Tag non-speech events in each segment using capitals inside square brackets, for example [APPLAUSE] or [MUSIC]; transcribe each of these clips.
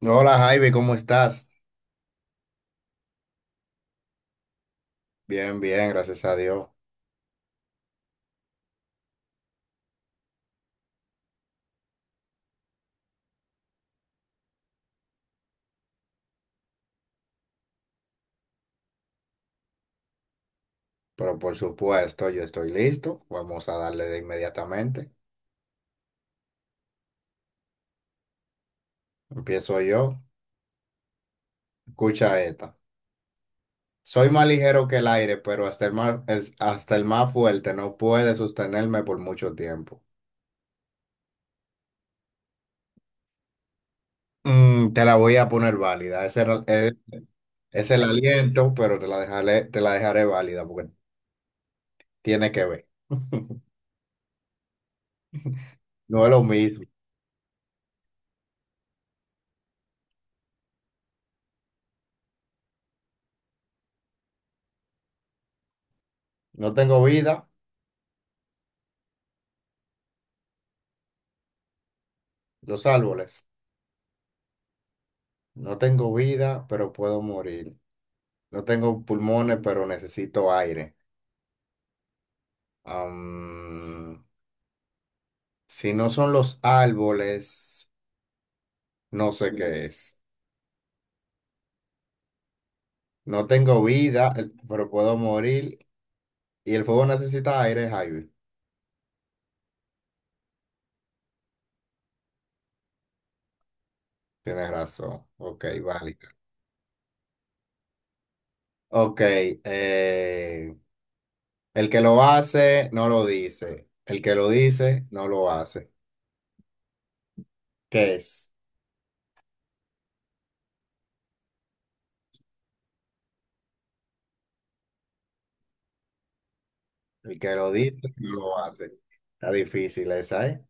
Hola Jaime, ¿cómo estás? Bien, bien, gracias a Dios. Pero por supuesto, yo estoy listo. Vamos a darle de inmediatamente. Empiezo yo. Escucha esta. Soy más ligero que el aire, pero hasta el más, hasta el más fuerte no puede sostenerme por mucho tiempo. Mm, te la voy a poner válida. Es el aliento, pero te la dejaré válida porque tiene que ver. [LAUGHS] No es lo mismo. No tengo vida, los árboles. No tengo vida, pero puedo morir. No tengo pulmones, pero necesito aire. Am, si no son los árboles, no sé qué es. No tengo vida, pero puedo morir. Y el fuego necesita aire, Javi. Tienes razón. Ok, vale. Ok, eh, el que lo hace, no lo dice. El que lo dice, no lo hace. ¿Qué es? El que lo dice, no lo hace. Está difícil esa, ¿eh?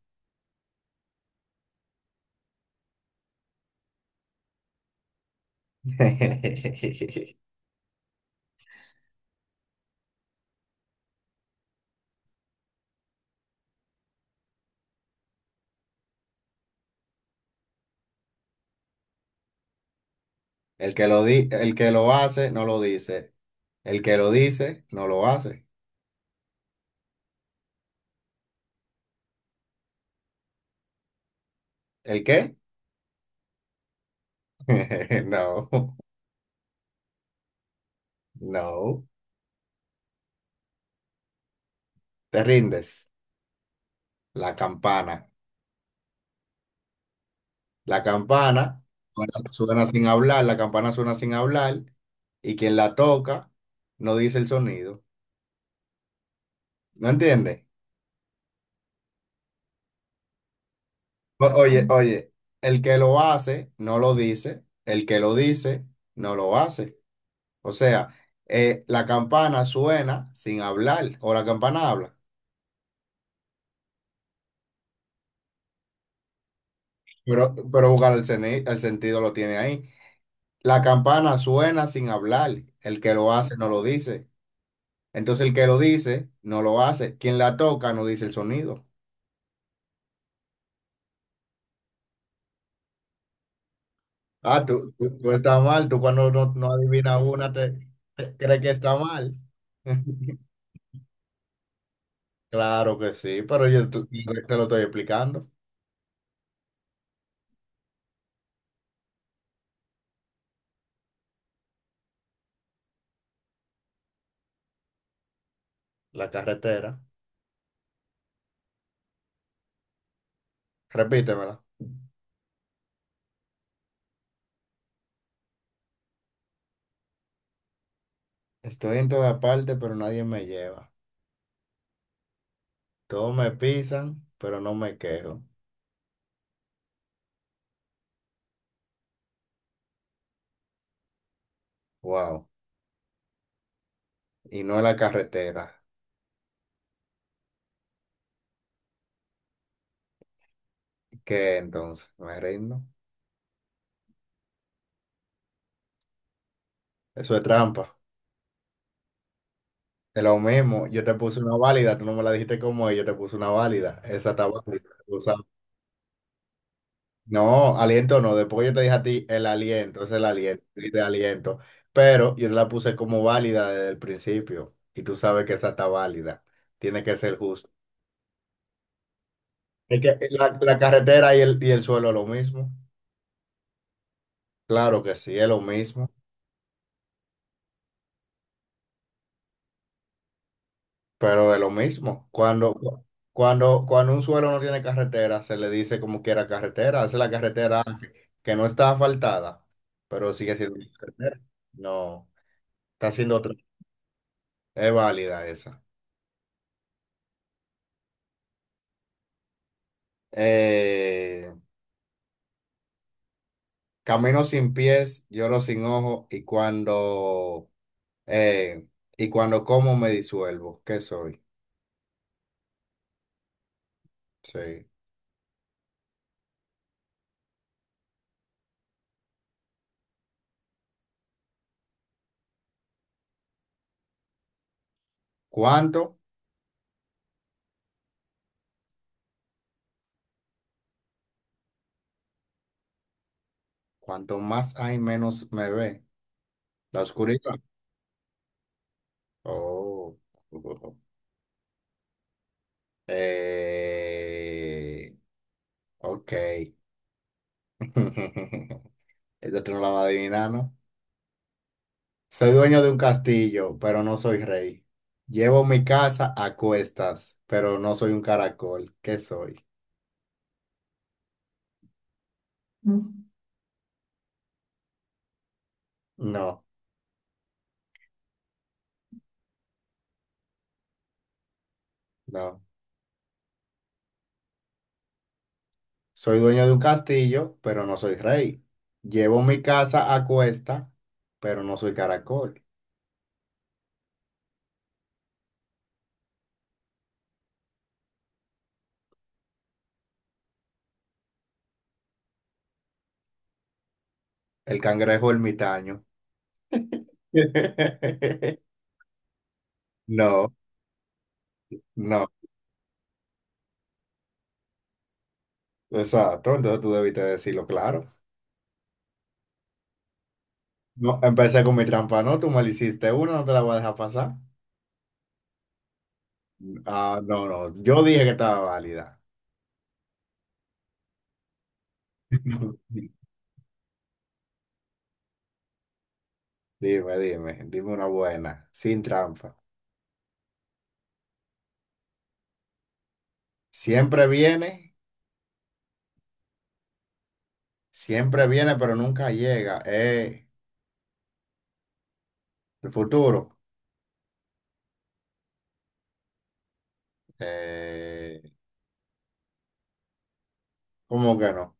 [LAUGHS] El que lo hace, no lo dice. El que lo dice, no lo hace. ¿El qué? [LAUGHS] No, no. Te rindes. La campana. La campana suena, suena sin hablar, la campana suena sin hablar y quien la toca no dice el sonido. ¿No entiendes? Oye, oye, el que lo hace, no lo dice. El que lo dice, no lo hace. O sea, la campana suena sin hablar o la campana habla. Pero buscar el, el sentido lo tiene ahí. La campana suena sin hablar. El que lo hace no lo dice. Entonces el que lo dice no lo hace. Quien la toca no dice el sonido. Ah, tú estás mal. Tú cuando no, no adivinas una te, te crees que está mal. [LAUGHS] Claro que sí, pero te lo estoy explicando. La carretera. Repítemela. Estoy en toda parte, pero nadie me lleva. Todos me pisan, pero no me quejo. Wow. Y no es la carretera. ¿Qué entonces? Me rindo. Eso es trampa. Es lo mismo. Yo te puse una válida, tú no me la dijiste como es, yo te puse una válida. Esa está válida. Tú sabes. No, aliento no. Después yo te dije a ti el aliento, es el aliento, y de aliento. Pero yo la puse como válida desde el principio. Y tú sabes que esa está válida. Tiene que ser justo. Es que la carretera y el suelo es lo mismo. Claro que sí, es lo mismo. Pero es lo mismo. Cuando un suelo no tiene carretera, se le dice como quiera carretera. Esa es la carretera que no está asfaltada, pero sigue siendo una carretera. No, está siendo otra. Es válida esa. Eh, Camino sin pies, lloro sin ojos eh, y cuando como me disuelvo. ¿Qué soy? Sí. ¿Cuánto? Cuanto más hay, menos me ve. La oscuridad. Oh. [LAUGHS] Eh, ok. [LAUGHS] Esta tú no la vas a adivinar, ¿no? Soy dueño de un castillo, pero no soy rey. Llevo mi casa a cuestas, pero no soy un caracol. ¿Qué soy? Mm. No, no. Soy dueño de un castillo, pero no soy rey. Llevo mi casa a cuesta, pero no soy caracol. El cangrejo ermitaño. [LAUGHS] No, no. Exacto. Entonces tú debiste decirlo claro. No, empecé con mi trampa, ¿no? Tú mal hiciste una, no te la voy a dejar pasar. Ah, no, no, yo dije que estaba válida. [LAUGHS] Dime, dime, dime una buena, sin trampa. Siempre viene, siempre viene, pero nunca llega. El futuro. Eh, ¿Cómo que no?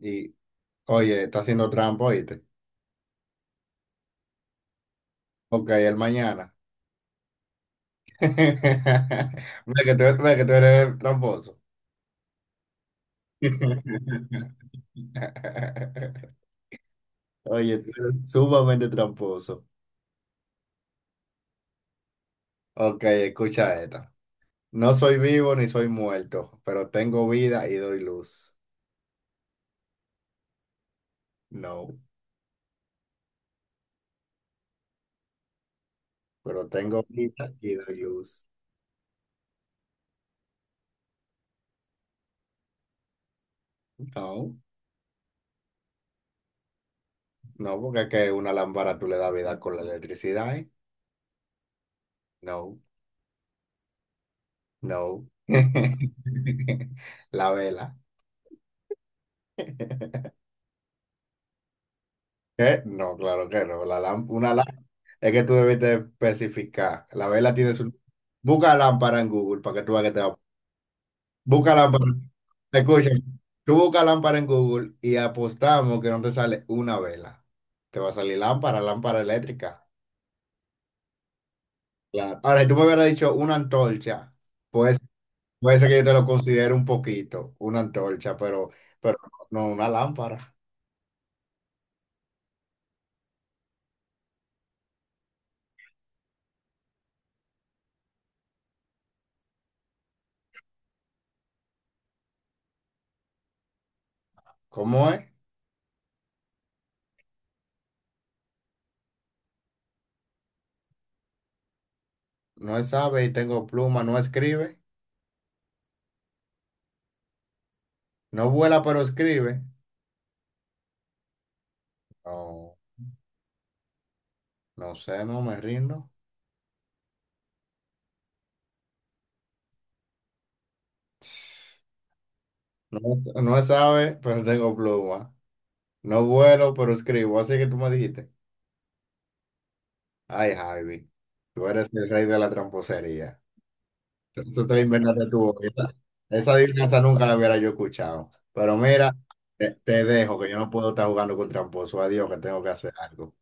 Y, oye, está haciendo trampa, ¿oíste? Ok, el mañana. [LAUGHS] Ve que tú eres tramposo. [LAUGHS] Oye, tú eres sumamente tramposo. Ok, escucha esta. No soy vivo ni soy muerto, pero tengo vida y doy luz. No, pero tengo vida y doy luz. No, no, porque es que una lámpara tú le das vida con la electricidad, ¿eh? No, no. [LAUGHS] La vela. ¿Qué? No, claro que no. La lám- una lá- Es que tú debes de especificar. La vela tiene su... Busca lámpara en Google para que tú veas que te va a busca lámpara. Escuchen, tú busca lámpara en Google y apostamos que no te sale una vela. Te va a salir lámpara, lámpara eléctrica. Claro. Ahora, si tú me hubieras dicho una antorcha, pues puede ser que yo te lo considere un poquito, una antorcha, pero no una lámpara. ¿Cómo es? No sabe y tengo pluma, no escribe. No vuela, pero escribe. No, no sé, no me rindo. No, no sabe, pero tengo pluma. No vuelo, pero escribo, así que tú me dijiste. Ay, Javi, tú eres el rey de la tramposería. Tú te inventaste tu boquita. Esa adivinanza nunca la hubiera yo escuchado. Pero mira, te dejo, que yo no puedo estar jugando con tramposo. Adiós, que tengo que hacer algo.